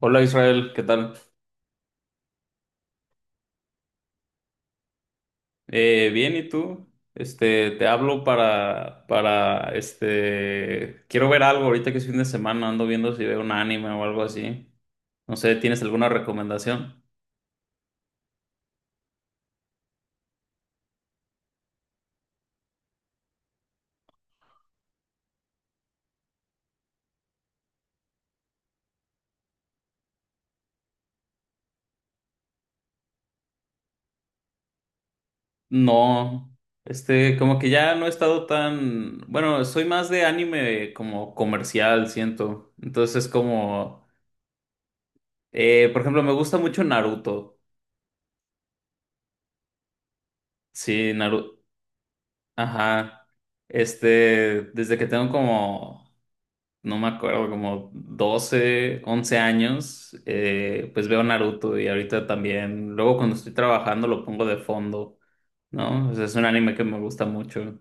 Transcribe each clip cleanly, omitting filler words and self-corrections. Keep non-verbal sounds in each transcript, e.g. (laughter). Hola Israel, ¿qué tal? Bien, ¿y tú? Te hablo quiero ver algo ahorita que es fin de semana, ando viendo si veo un anime o algo así. No sé, ¿tienes alguna recomendación? No, como que ya no he estado tan, bueno, soy más de anime como comercial, siento. Entonces, como, por ejemplo, me gusta mucho Naruto. Sí, Naruto, ajá. Desde que tengo como no me acuerdo, como 12 11 años, pues veo Naruto y ahorita también, luego cuando estoy trabajando lo pongo de fondo, ¿no? O sea, es un anime que me gusta mucho.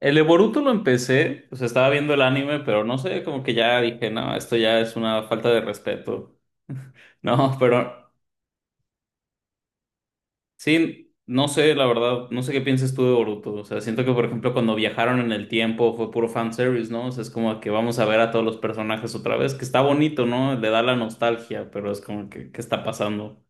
El de Boruto lo empecé, o sea, estaba viendo el anime, pero no sé, como que ya dije, no, esto ya es una falta de respeto. (laughs) No, pero sí, no sé, la verdad, no sé qué piensas tú de Boruto. O sea, siento que, por ejemplo, cuando viajaron en el tiempo fue puro fanservice, ¿no? O sea, es como que vamos a ver a todos los personajes otra vez, que está bonito, ¿no? Le da la nostalgia, pero es como que, ¿qué está pasando?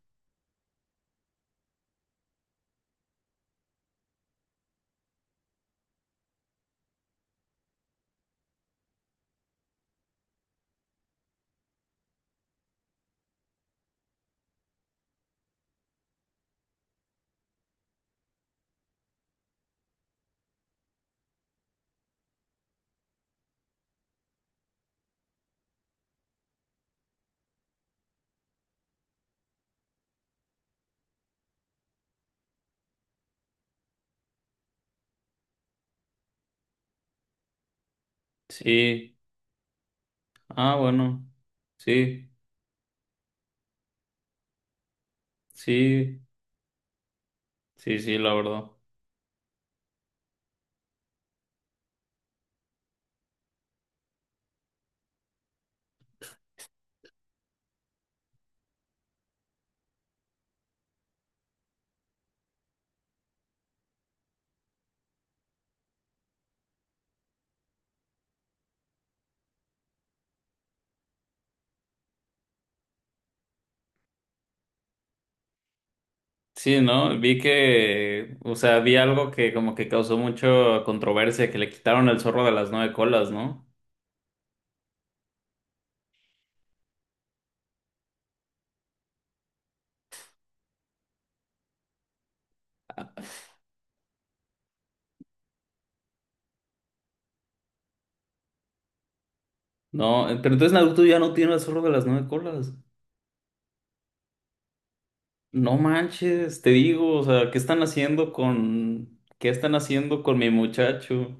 Sí, ah, bueno, sí, sí, sí, sí, la verdad. Sí, ¿no? O sea, vi algo que como que causó mucha controversia, que le quitaron el zorro de las nueve colas, ¿no? No, pero entonces Naruto ya no tiene el zorro de las nueve colas. No manches, te digo, o sea, ¿ qué están haciendo con mi muchacho?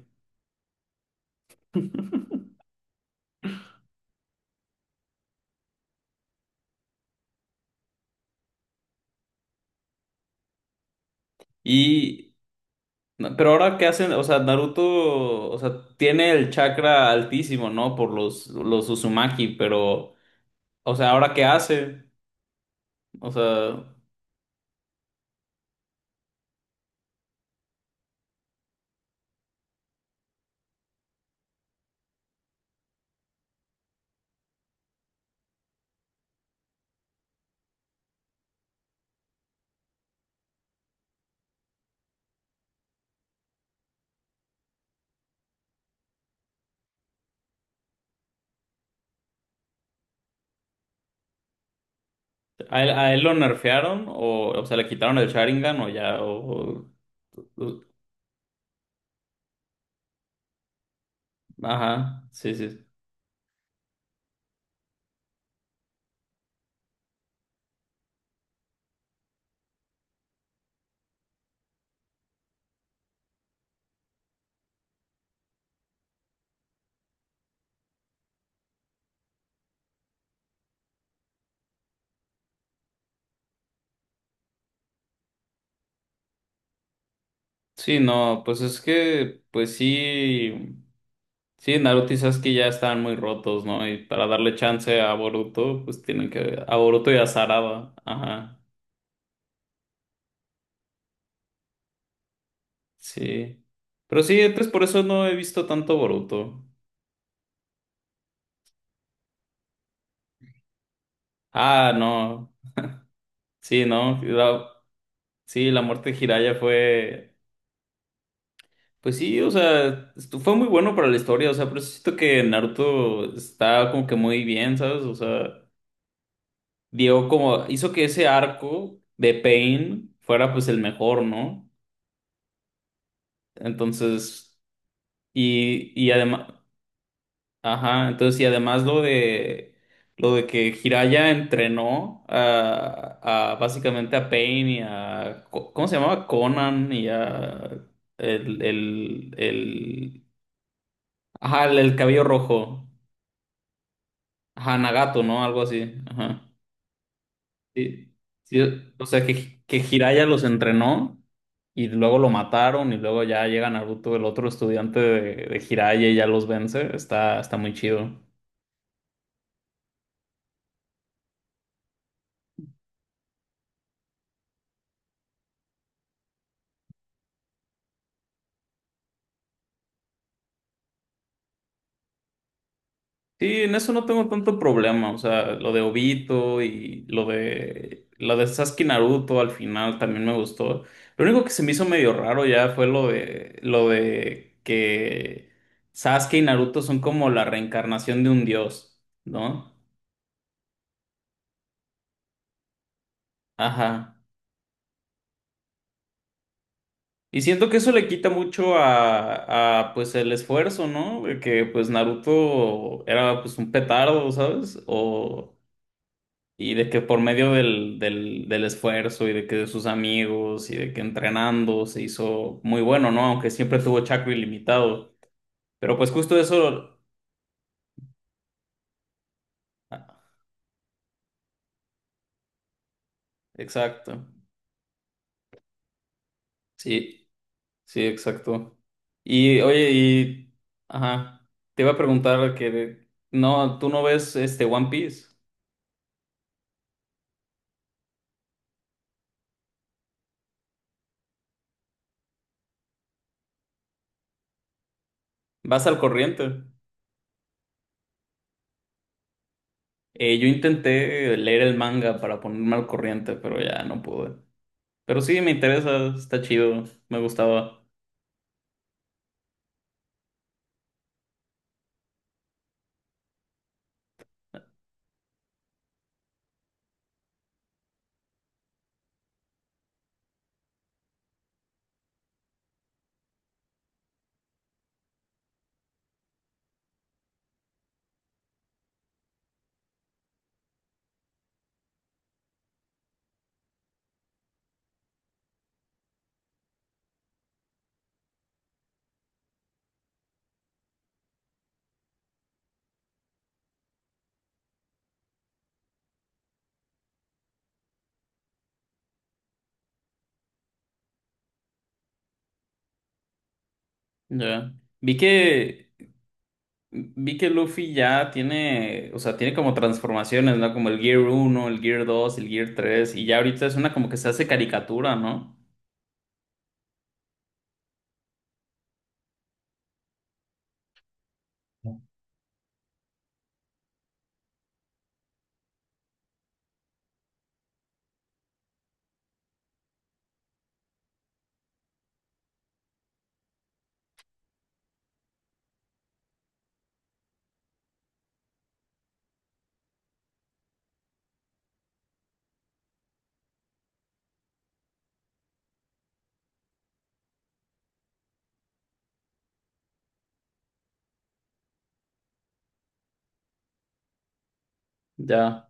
Y, no, pero ahora qué hacen, o sea, Naruto, o sea, tiene el chakra altísimo, ¿no? Por los Uzumaki, pero, o sea, ¿ahora qué hace? O sea, ¿a él lo nerfearon o sea, le quitaron el Sharingan o ya, o- ajá, sí, sí. Sí, no, pues es que, pues sí. Sí, Naruto y Sasuke ya estaban muy rotos, ¿no? Y para darle chance a Boruto, pues tienen que... A Boruto y a Sarada. Ajá, sí. Pero sí, entonces por eso no he visto tanto Boruto. Ah, no. Sí, ¿no? Sí, la muerte de Jiraiya fue... Pues sí, o sea, fue muy bueno para la historia, o sea, pero siento que Naruto está como que muy bien, ¿sabes? O sea, dio como... Hizo que ese arco de Pain fuera pues el mejor, ¿no? Entonces... Y además, ajá, entonces, y además lo de que Jiraiya entrenó a básicamente a Pain y a ¿cómo se llamaba? Conan y a el ajá, el cabello rojo. Ajá, Nagato, ¿no? Algo así. Ajá. Sí, sí, o sea que Jiraiya los entrenó y luego lo mataron y luego ya llega Naruto, el otro estudiante de Jiraiya y ya los vence. Está muy chido. Sí, en eso no tengo tanto problema, o sea, lo de Obito y lo de Sasuke y Naruto al final también me gustó. Lo único que se me hizo medio raro ya fue lo de que Sasuke y Naruto son como la reencarnación de un dios, ¿no? Ajá. Y siento que eso le quita mucho a, pues el esfuerzo, ¿no? De que pues Naruto era pues un petardo, ¿sabes? O Y de que por medio del esfuerzo y de que de sus amigos y de que entrenando se hizo muy bueno, ¿no? Aunque siempre tuvo chakra ilimitado. Pero pues justo eso. ah, Exacto. Sí, sí, exacto. Y oye. Ajá. Te iba a preguntar que. De- No, tú no ves One Piece. Vas al corriente. Yo intenté leer el manga para ponerme al corriente, pero ya no pude. Pero sí, me interesa, está chido, me gustaba. Ya. Vi que vi que Luffy ya tiene, o sea, tiene como transformaciones, ¿no? Como el Gear 1, el Gear 2, el Gear 3, y ya ahorita es una como que se hace caricatura, ¿no? Ya.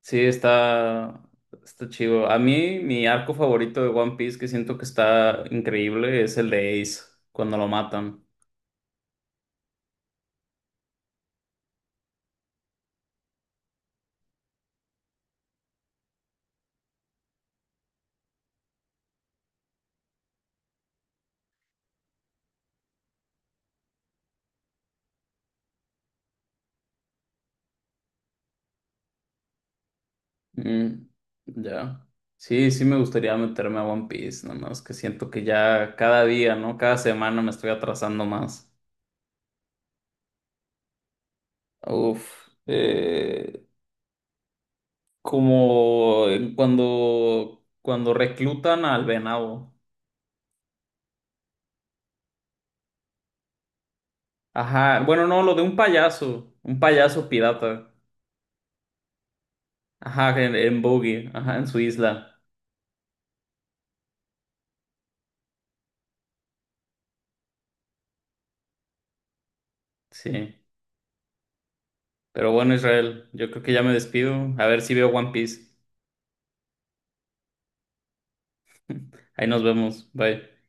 Sí, está chido. A mí mi arco favorito de One Piece que siento que está increíble es el de Ace cuando lo matan. Mm, ya. Sí, sí me gustaría meterme a One Piece, nada más que siento que ya cada día, ¿no? Cada semana me estoy atrasando más. Uf, como en cuando reclutan al venado. Ajá, bueno, no, lo de un payaso pirata. Ajá, en, Boggy, ajá, en su isla. Sí. Pero bueno, Israel, yo creo que ya me despido. A ver si veo One Piece. Ahí nos vemos. Bye.